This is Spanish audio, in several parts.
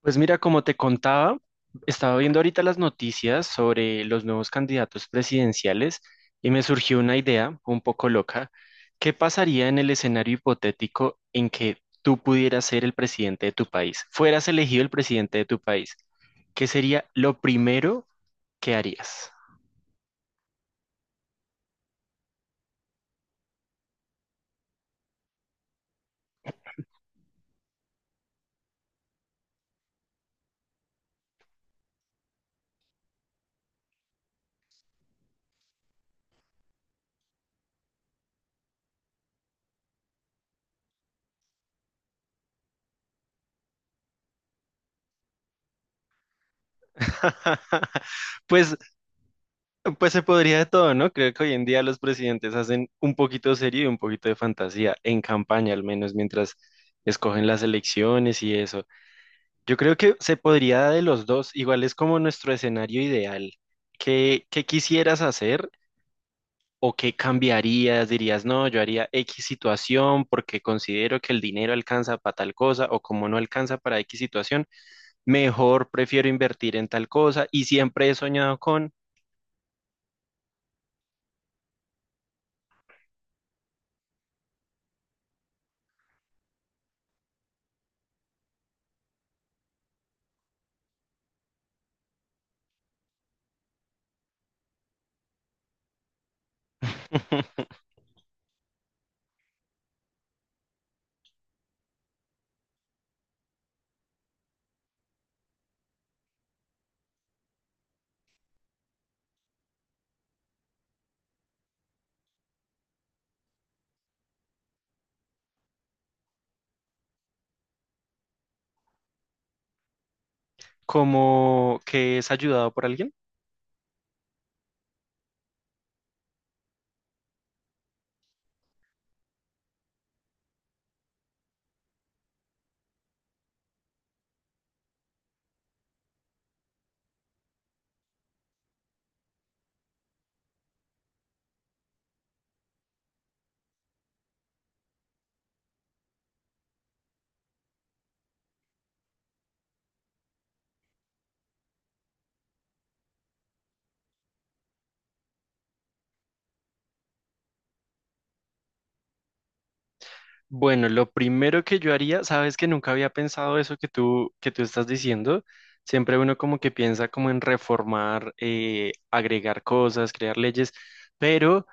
Pues mira, como te contaba, estaba viendo ahorita las noticias sobre los nuevos candidatos presidenciales y me surgió una idea un poco loca. ¿Qué pasaría en el escenario hipotético en que tú pudieras ser el presidente de tu país? Fueras elegido el presidente de tu país. ¿Qué sería lo primero que harías? Pues Pues se podría de todo, ¿no? Creo que hoy en día los presidentes hacen un poquito de serio y un poquito de fantasía, en campaña al menos, mientras escogen las elecciones y eso. Yo creo que se podría de los dos, igual es como nuestro escenario ideal. ¿Qué, qué quisieras hacer o qué cambiarías? Dirías, no, yo haría X situación porque considero que el dinero alcanza para tal cosa o como no alcanza para X situación, mejor prefiero invertir en tal cosa y siempre he soñado con... Como que es ayudado por alguien. Bueno, lo primero que yo haría, sabes que nunca había pensado eso que tú estás diciendo. Siempre uno como que piensa como en reformar, agregar cosas, crear leyes, pero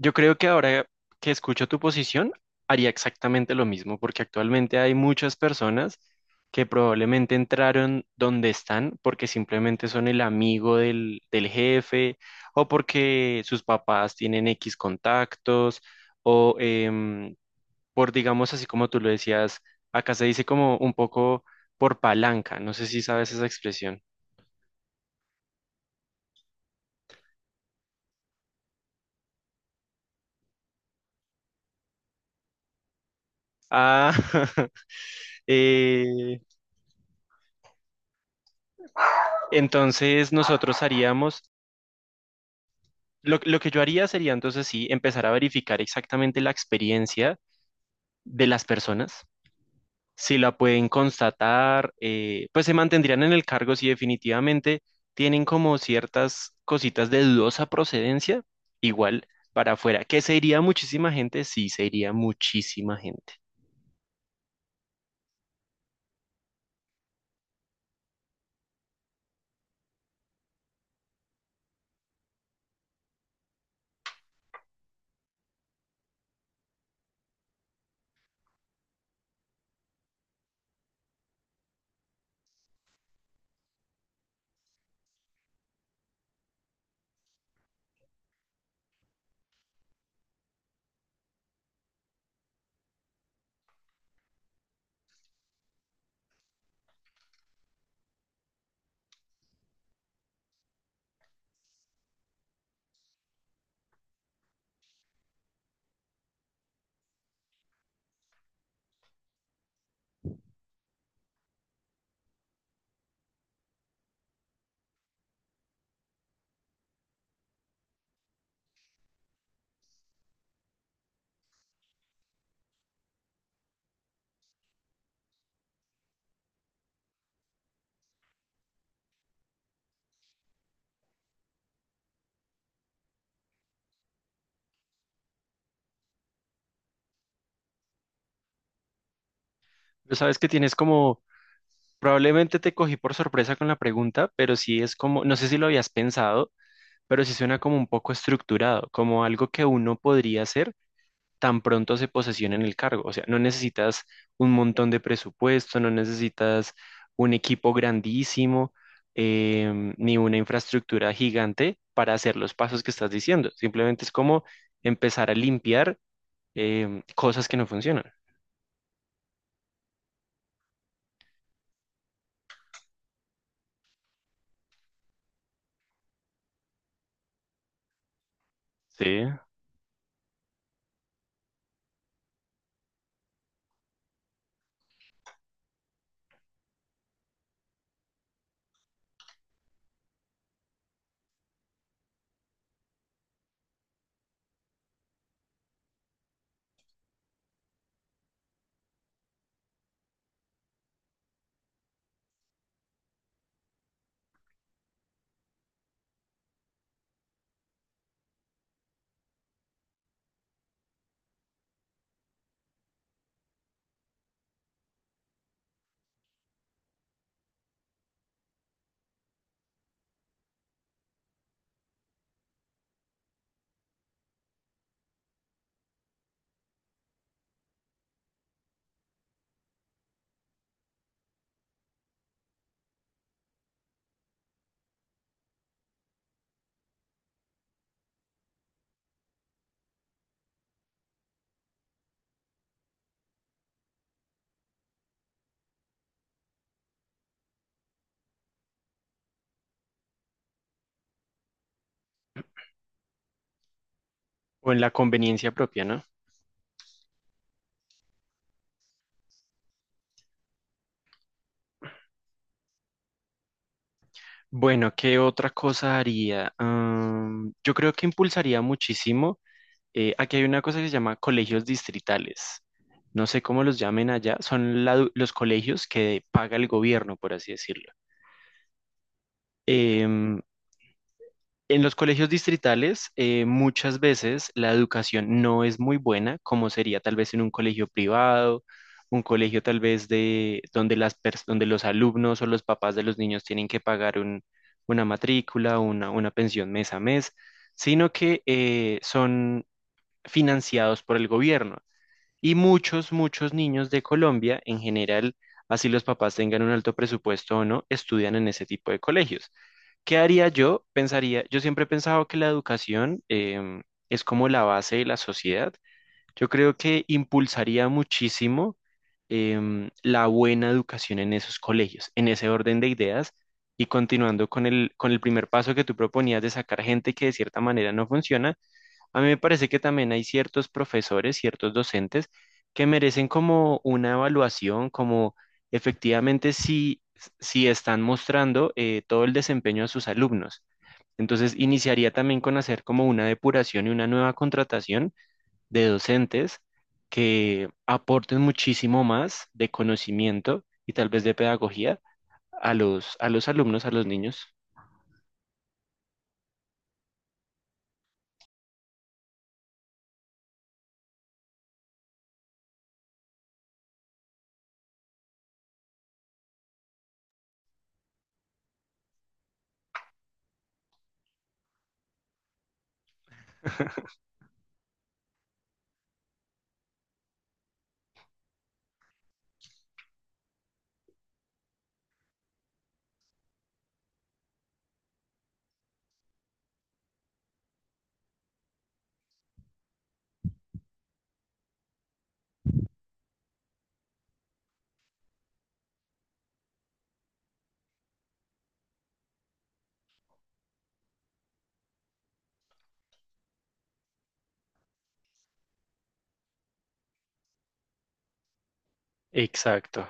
yo creo que ahora que escucho tu posición, haría exactamente lo mismo, porque actualmente hay muchas personas que probablemente entraron donde están porque simplemente son el amigo del jefe o porque sus papás tienen X contactos o por, digamos, así como tú lo decías, acá se dice como un poco por palanca, no sé si sabes esa expresión. Ah, eh, entonces nosotros haríamos lo que yo haría sería entonces sí empezar a verificar exactamente la experiencia de las personas, si la pueden constatar, pues se mantendrían en el cargo si definitivamente tienen como ciertas cositas de dudosa procedencia, igual para afuera. ¿Que se iría muchísima gente? Sí, se iría muchísima gente. Pero sabes que tienes como, probablemente te cogí por sorpresa con la pregunta, pero sí es como, no sé si lo habías pensado, pero sí suena como un poco estructurado, como algo que uno podría hacer tan pronto se posesiona en el cargo. O sea, no necesitas un montón de presupuesto, no necesitas un equipo grandísimo, ni una infraestructura gigante para hacer los pasos que estás diciendo. Simplemente es como empezar a limpiar cosas que no funcionan. Sí. O en la conveniencia propia, ¿no? Bueno, ¿qué otra cosa haría? Ah, yo creo que impulsaría muchísimo. Aquí hay una cosa que se llama colegios distritales. No sé cómo los llamen allá. Son la du- los colegios que paga el gobierno, por así decirlo. Em, en los colegios distritales, muchas veces la educación no es muy buena, como sería tal vez en un colegio privado, un colegio tal vez de donde las pers- donde los alumnos o los papás de los niños tienen que pagar un- una matrícula, una pensión mes a mes, sino que son financiados por el gobierno. Y muchos niños de Colombia, en general, así los papás tengan un alto presupuesto o no, estudian en ese tipo de colegios. ¿Qué haría yo? Pensaría, yo siempre he pensado que la educación, es como la base de la sociedad. Yo creo que impulsaría muchísimo la buena educación en esos colegios, en ese orden de ideas. Y continuando con el primer paso que tú proponías de sacar gente que de cierta manera no funciona, a mí me parece que también hay ciertos profesores, ciertos docentes que merecen como una evaluación, como efectivamente si, si están mostrando todo el desempeño de sus alumnos. Entonces, iniciaría también con hacer como una depuración y una nueva contratación de docentes que aporten muchísimo más de conocimiento y tal vez de pedagogía a los alumnos, a los niños. Exacto.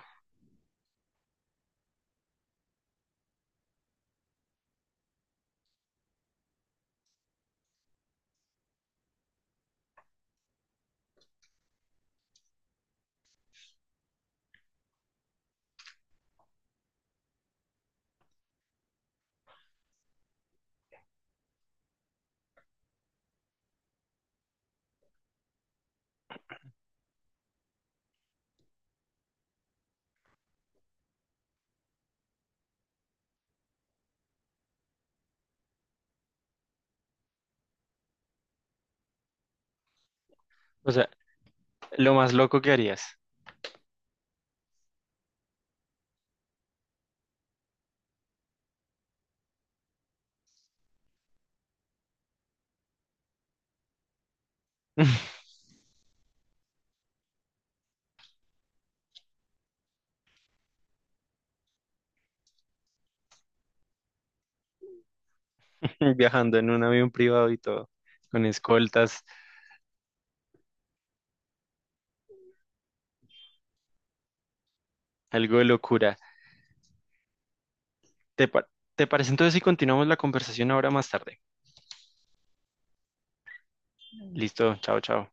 O sea, lo más loco que harías. Viajando en un avión privado y todo, con escoltas, algo de locura. ¿Te, pa- te parece entonces si continuamos la conversación ahora más tarde? Listo, chao, chao.